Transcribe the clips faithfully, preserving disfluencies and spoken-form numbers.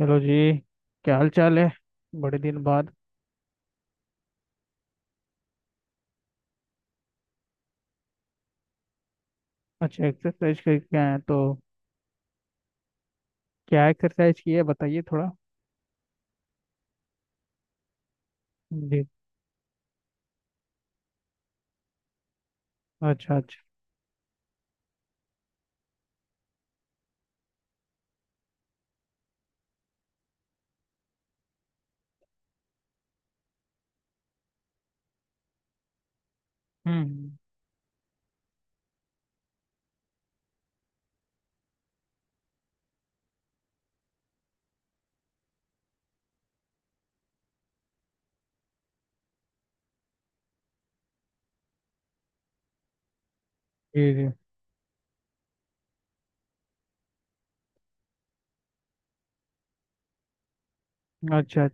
Hello जी। क्या हाल चाल है। बड़े दिन बाद। अच्छा, एक्सरसाइज करके आए हैं तो क्या एक्सरसाइज की है बताइए थोड़ा। जी। अच्छा अच्छा। हम्म। जी जी। अच्छा अच्छा।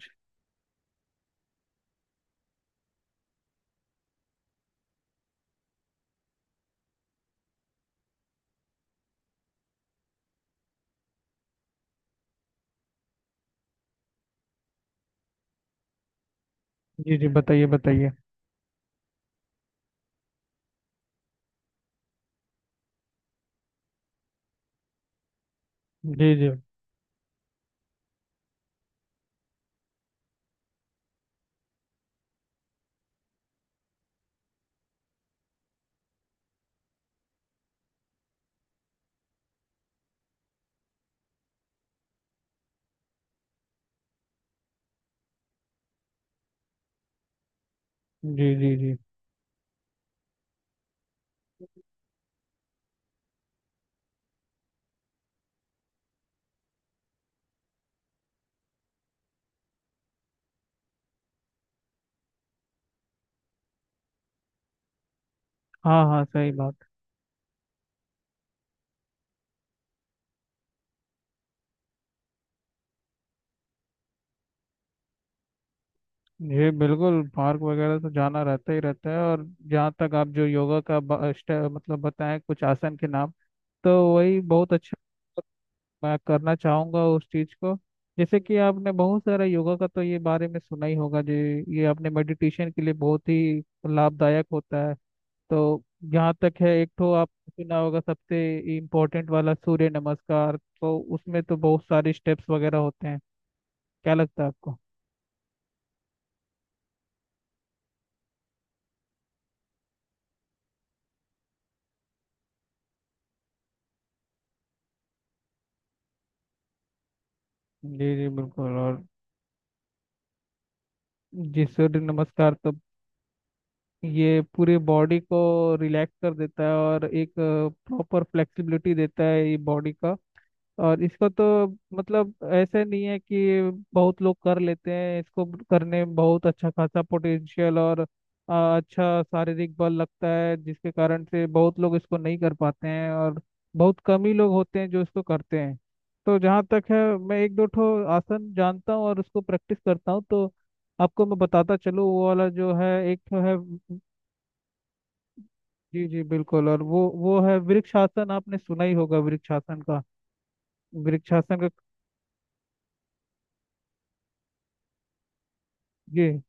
जी जी, बताइए बताइए। जी जी जी। जी जी। हाँ हाँ, सही बात। जी बिल्कुल, पार्क वगैरह तो जाना रहता ही रहता है। और जहाँ तक आप जो योगा का ब- स्टे- मतलब बताएं कुछ आसन के नाम तो वही बहुत अच्छा। मैं करना चाहूंगा उस चीज को। जैसे कि आपने बहुत सारा योगा का तो ये बारे में सुना ही होगा। जो ये आपने मेडिटेशन के लिए बहुत ही लाभदायक होता है। तो जहाँ तक है, एक तो आप सुना होगा सबसे इम्पोर्टेंट वाला सूर्य नमस्कार। तो उसमें तो बहुत सारे स्टेप्स वगैरह होते हैं। क्या लगता है आपको। जी जी बिल्कुल। और जी सूर्य नमस्कार तो ये पूरी बॉडी को रिलैक्स कर देता है और एक प्रॉपर फ्लेक्सिबिलिटी देता है ये बॉडी का। और इसको तो मतलब ऐसे नहीं है कि बहुत लोग कर लेते हैं इसको। करने में बहुत अच्छा खासा पोटेंशियल और आ, अच्छा शारीरिक बल लगता है, जिसके कारण से बहुत लोग इसको नहीं कर पाते हैं। और बहुत कम ही लोग होते हैं जो इसको करते हैं। तो जहाँ तक है, मैं एक दो ठो आसन जानता हूँ और उसको प्रैक्टिस करता हूँ। तो आपको मैं बताता चलूँ। वो वाला जो है, एक तो है, जी जी बिल्कुल। और वो वो है वृक्षासन। आपने सुना ही होगा वृक्षासन का। वृक्षासन का। जी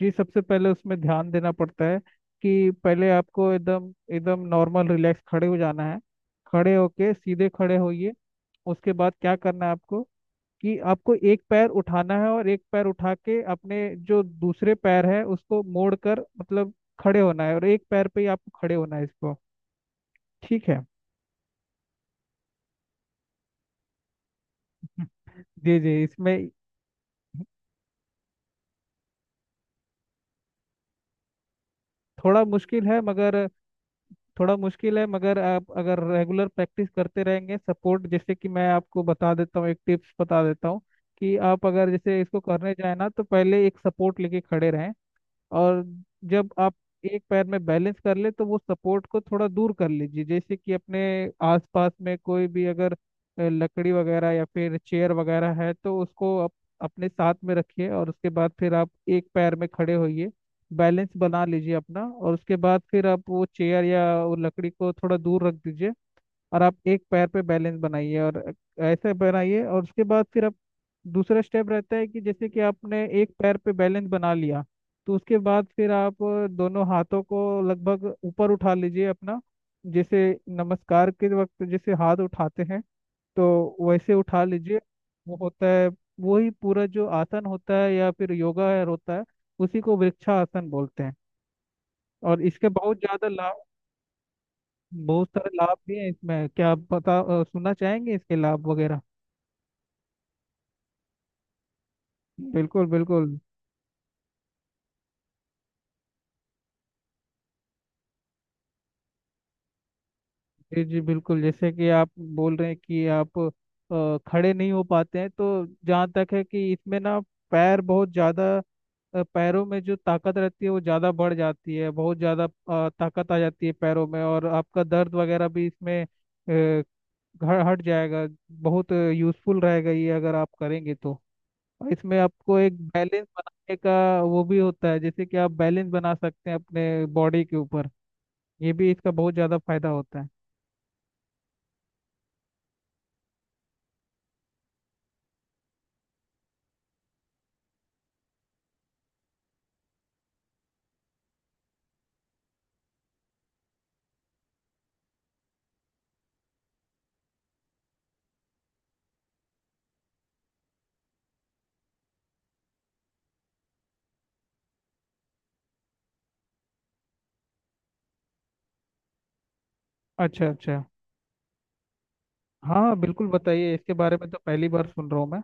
जी, सबसे पहले उसमें ध्यान देना पड़ता है कि पहले आपको एकदम एकदम नॉर्मल रिलैक्स खड़े हो जाना है। खड़े होके सीधे खड़े होइए। उसके बाद क्या करना है आपको, कि आपको एक पैर उठाना है और एक पैर उठा के अपने जो दूसरे पैर है उसको मोड़ कर मतलब खड़े होना है, और एक पैर पे ही आपको खड़े होना है इसको। ठीक है। जी जी, इसमें थोड़ा मुश्किल है मगर, थोड़ा मुश्किल है मगर आप अगर रेगुलर प्रैक्टिस करते रहेंगे। सपोर्ट, जैसे कि मैं आपको बता देता हूँ, एक टिप्स बता देता हूँ कि आप अगर जैसे इसको करने जाए ना, तो पहले एक सपोर्ट लेके खड़े रहें। और जब आप एक पैर में बैलेंस कर ले तो वो सपोर्ट को थोड़ा दूर कर लीजिए। जैसे कि अपने आसपास में कोई भी अगर अ, लकड़ी वगैरह या फिर चेयर वगैरह है तो उसको आप अपने साथ में रखिए। और उसके बाद फिर आप एक पैर में खड़े होइए, बैलेंस बना लीजिए अपना। और उसके बाद फिर आप वो चेयर या वो लकड़ी को थोड़ा दूर रख दीजिए, और आप एक पैर पे बैलेंस बनाइए। और ऐसे बनाइए। और उसके बाद फिर आप दूसरा स्टेप रहता है कि जैसे कि आपने एक पैर पे बैलेंस बना लिया, तो उसके बाद फिर आप दोनों हाथों को लगभग ऊपर उठा लीजिए अपना, जैसे नमस्कार के वक्त जैसे हाथ उठाते हैं तो वैसे उठा लीजिए। वो होता है, वही पूरा जो आसन होता है या फिर योगा है होता है, उसी को वृक्षासन बोलते हैं। और इसके बहुत ज़्यादा लाभ, बहुत सारे लाभ भी हैं इसमें। क्या आप बता अ, सुनना चाहेंगे इसके लाभ वगैरह। बिल्कुल बिल्कुल। जी जी बिल्कुल। जैसे कि आप बोल रहे हैं कि आप अ, खड़े नहीं हो पाते हैं, तो जहाँ तक है कि इसमें ना पैर बहुत ज़्यादा, अ, पैरों में जो ताकत रहती है वो ज़्यादा बढ़ जाती है, बहुत ज़्यादा अ, ताकत आ जाती है पैरों में। और आपका दर्द वगैरह भी इसमें अ, घ- हट जाएगा। बहुत यूज़फुल रहेगा ये अगर आप करेंगे तो। और इसमें आपको एक बैलेंस बनाने का वो भी होता है, जैसे कि आप बैलेंस बना सकते हैं अपने बॉडी के ऊपर। ये भी इसका बहुत ज़्यादा फायदा होता है। अच्छा अच्छा। हाँ बिल्कुल, बताइए इसके बारे में, तो पहली बार सुन रहा हूँ मैं।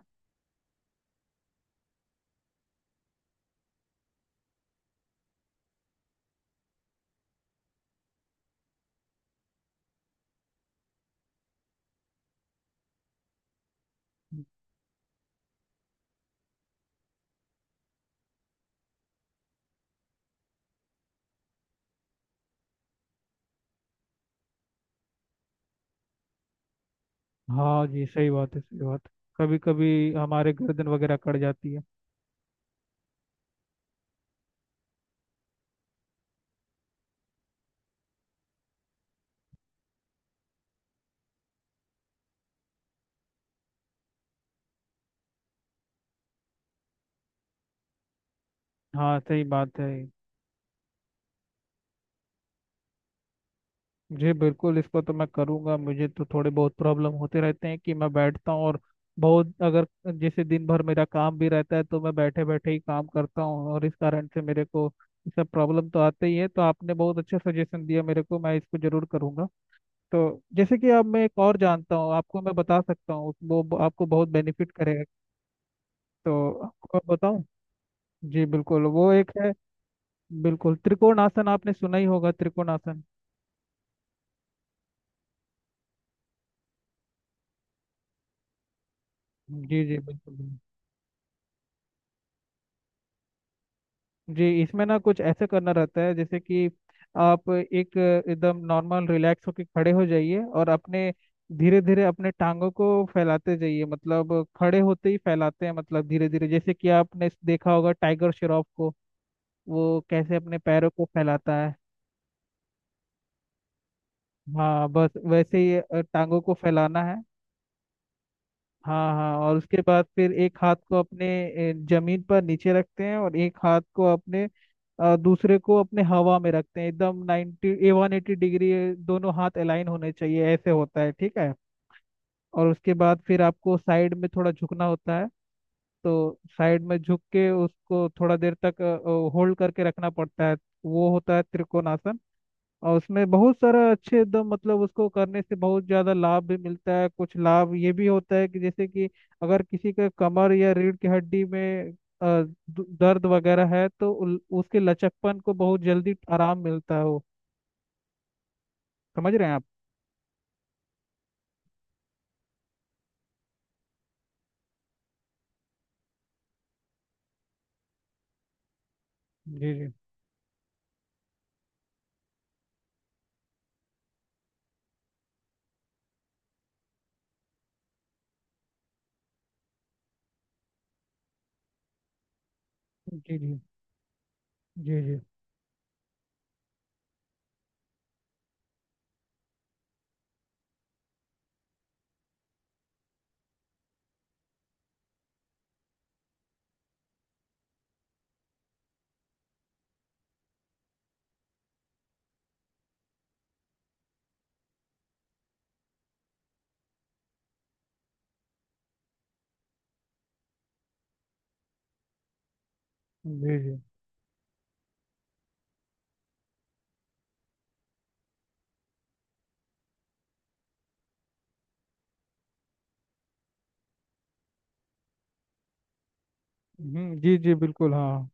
हाँ जी, सही बात है, सही बात है। कभी कभी हमारे गर्दन वगैरह कट जाती है। हाँ, सही बात है। जी बिल्कुल, इसको तो मैं करूंगा। मुझे तो थोड़े बहुत प्रॉब्लम होते रहते हैं कि मैं बैठता हूँ और बहुत अगर, जैसे दिन भर मेरा काम भी रहता है तो मैं बैठे बैठे ही काम करता हूँ, और इस कारण से मेरे को ये सब प्रॉब्लम तो आते ही है। तो आपने बहुत अच्छा सजेशन दिया मेरे को, मैं इसको जरूर करूंगा। तो जैसे कि अब मैं एक और जानता हूँ, आपको मैं बता सकता हूँ, वो आपको बहुत बेनिफिट करेगा। तो आपको मैं बताऊँ। जी बिल्कुल, वो एक है, बिल्कुल, त्रिकोण आसन। आपने सुना ही होगा त्रिकोण आसन। जी जी बिल्कुल। जी इसमें ना कुछ ऐसे करना रहता है जैसे कि आप एक एकदम नॉर्मल रिलैक्स होके खड़े हो जाइए, और अपने धीरे धीरे अपने टांगों को फैलाते जाइए। मतलब खड़े होते ही फैलाते हैं, मतलब धीरे धीरे, जैसे कि आपने देखा होगा टाइगर श्रॉफ को, वो कैसे अपने पैरों को फैलाता है। हाँ बस वैसे ही अ, टांगों को फैलाना है। हाँ हाँ। और उसके बाद फिर एक हाथ को अपने ए, जमीन पर नीचे रखते हैं, और एक हाथ को अपने अ, दूसरे को अपने हवा में रखते हैं एकदम नाइंटी ए वन एटी डिग्री। ये दोनों हाथ अलाइन होने चाहिए, ऐसे होता है ठीक है। और उसके बाद फिर आपको साइड में थोड़ा झुकना होता है। तो साइड में झुक के उसको थोड़ा देर तक होल्ड करके रखना पड़ता है। वो होता है त्रिकोणासन। और उसमें बहुत सारा अच्छे, एकदम मतलब उसको करने से बहुत ज़्यादा लाभ भी मिलता है। कुछ लाभ ये भी होता है कि जैसे कि अगर किसी के कमर या रीढ़ की हड्डी में अ, दु- दर्द वगैरह है तो उल- उसके लचकपन को बहुत जल्दी आराम मिलता है वो। समझ रहे हैं आप। जी जी जी जी। जी जी जी जी। हम्म, जी जी बिल्कुल हाँ।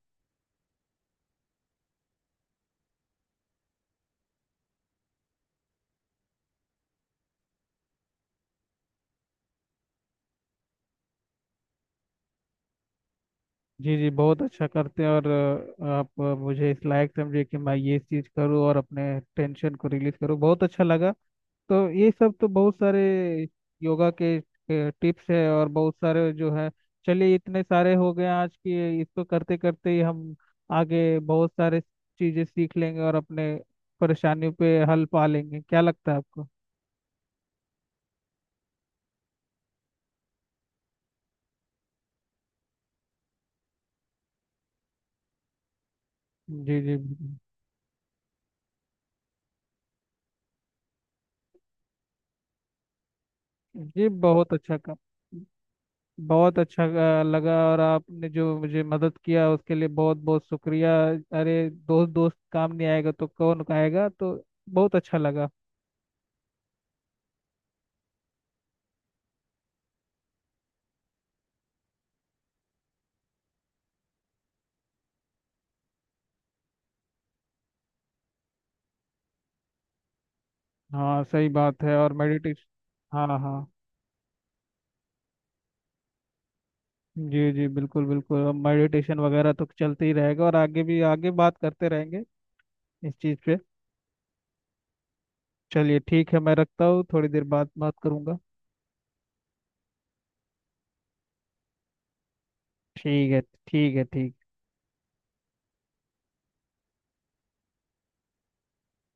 जी जी, बहुत अच्छा करते हैं। और अ, आप अ, मुझे इस लायक समझे कि मैं ये चीज़ करूँ और अपने टेंशन को रिलीज करूँ, बहुत अच्छा लगा। तो ये सब तो बहुत सारे योगा के टिप्स है और बहुत सारे जो है, चलिए इतने सारे हो गए आज की। इसको करते करते ही हम आगे बहुत सारे चीजें सीख लेंगे और अपने परेशानियों पे हल पा लेंगे। क्या लगता है आपको। जी जी। जी बहुत अच्छा काम। बहुत अच्छा अ, लगा। और आपने जो मुझे मदद किया उसके लिए बहुत बहुत शुक्रिया। अरे दोस्त दोस्त काम नहीं आएगा तो कौन आएगा। तो बहुत अच्छा लगा। हाँ, सही बात है। और मेडिटेशन। हाँ हाँ। जी जी, बिल्कुल बिल्कुल। अब मेडिटेशन वगैरह तो चलते ही रहेगा, और आगे भी आगे बात करते रहेंगे इस चीज़ पे। चलिए ठीक है, मैं रखता हूँ, थोड़ी देर बाद बात करूँगा। ठीक है। ठीक है ठीक।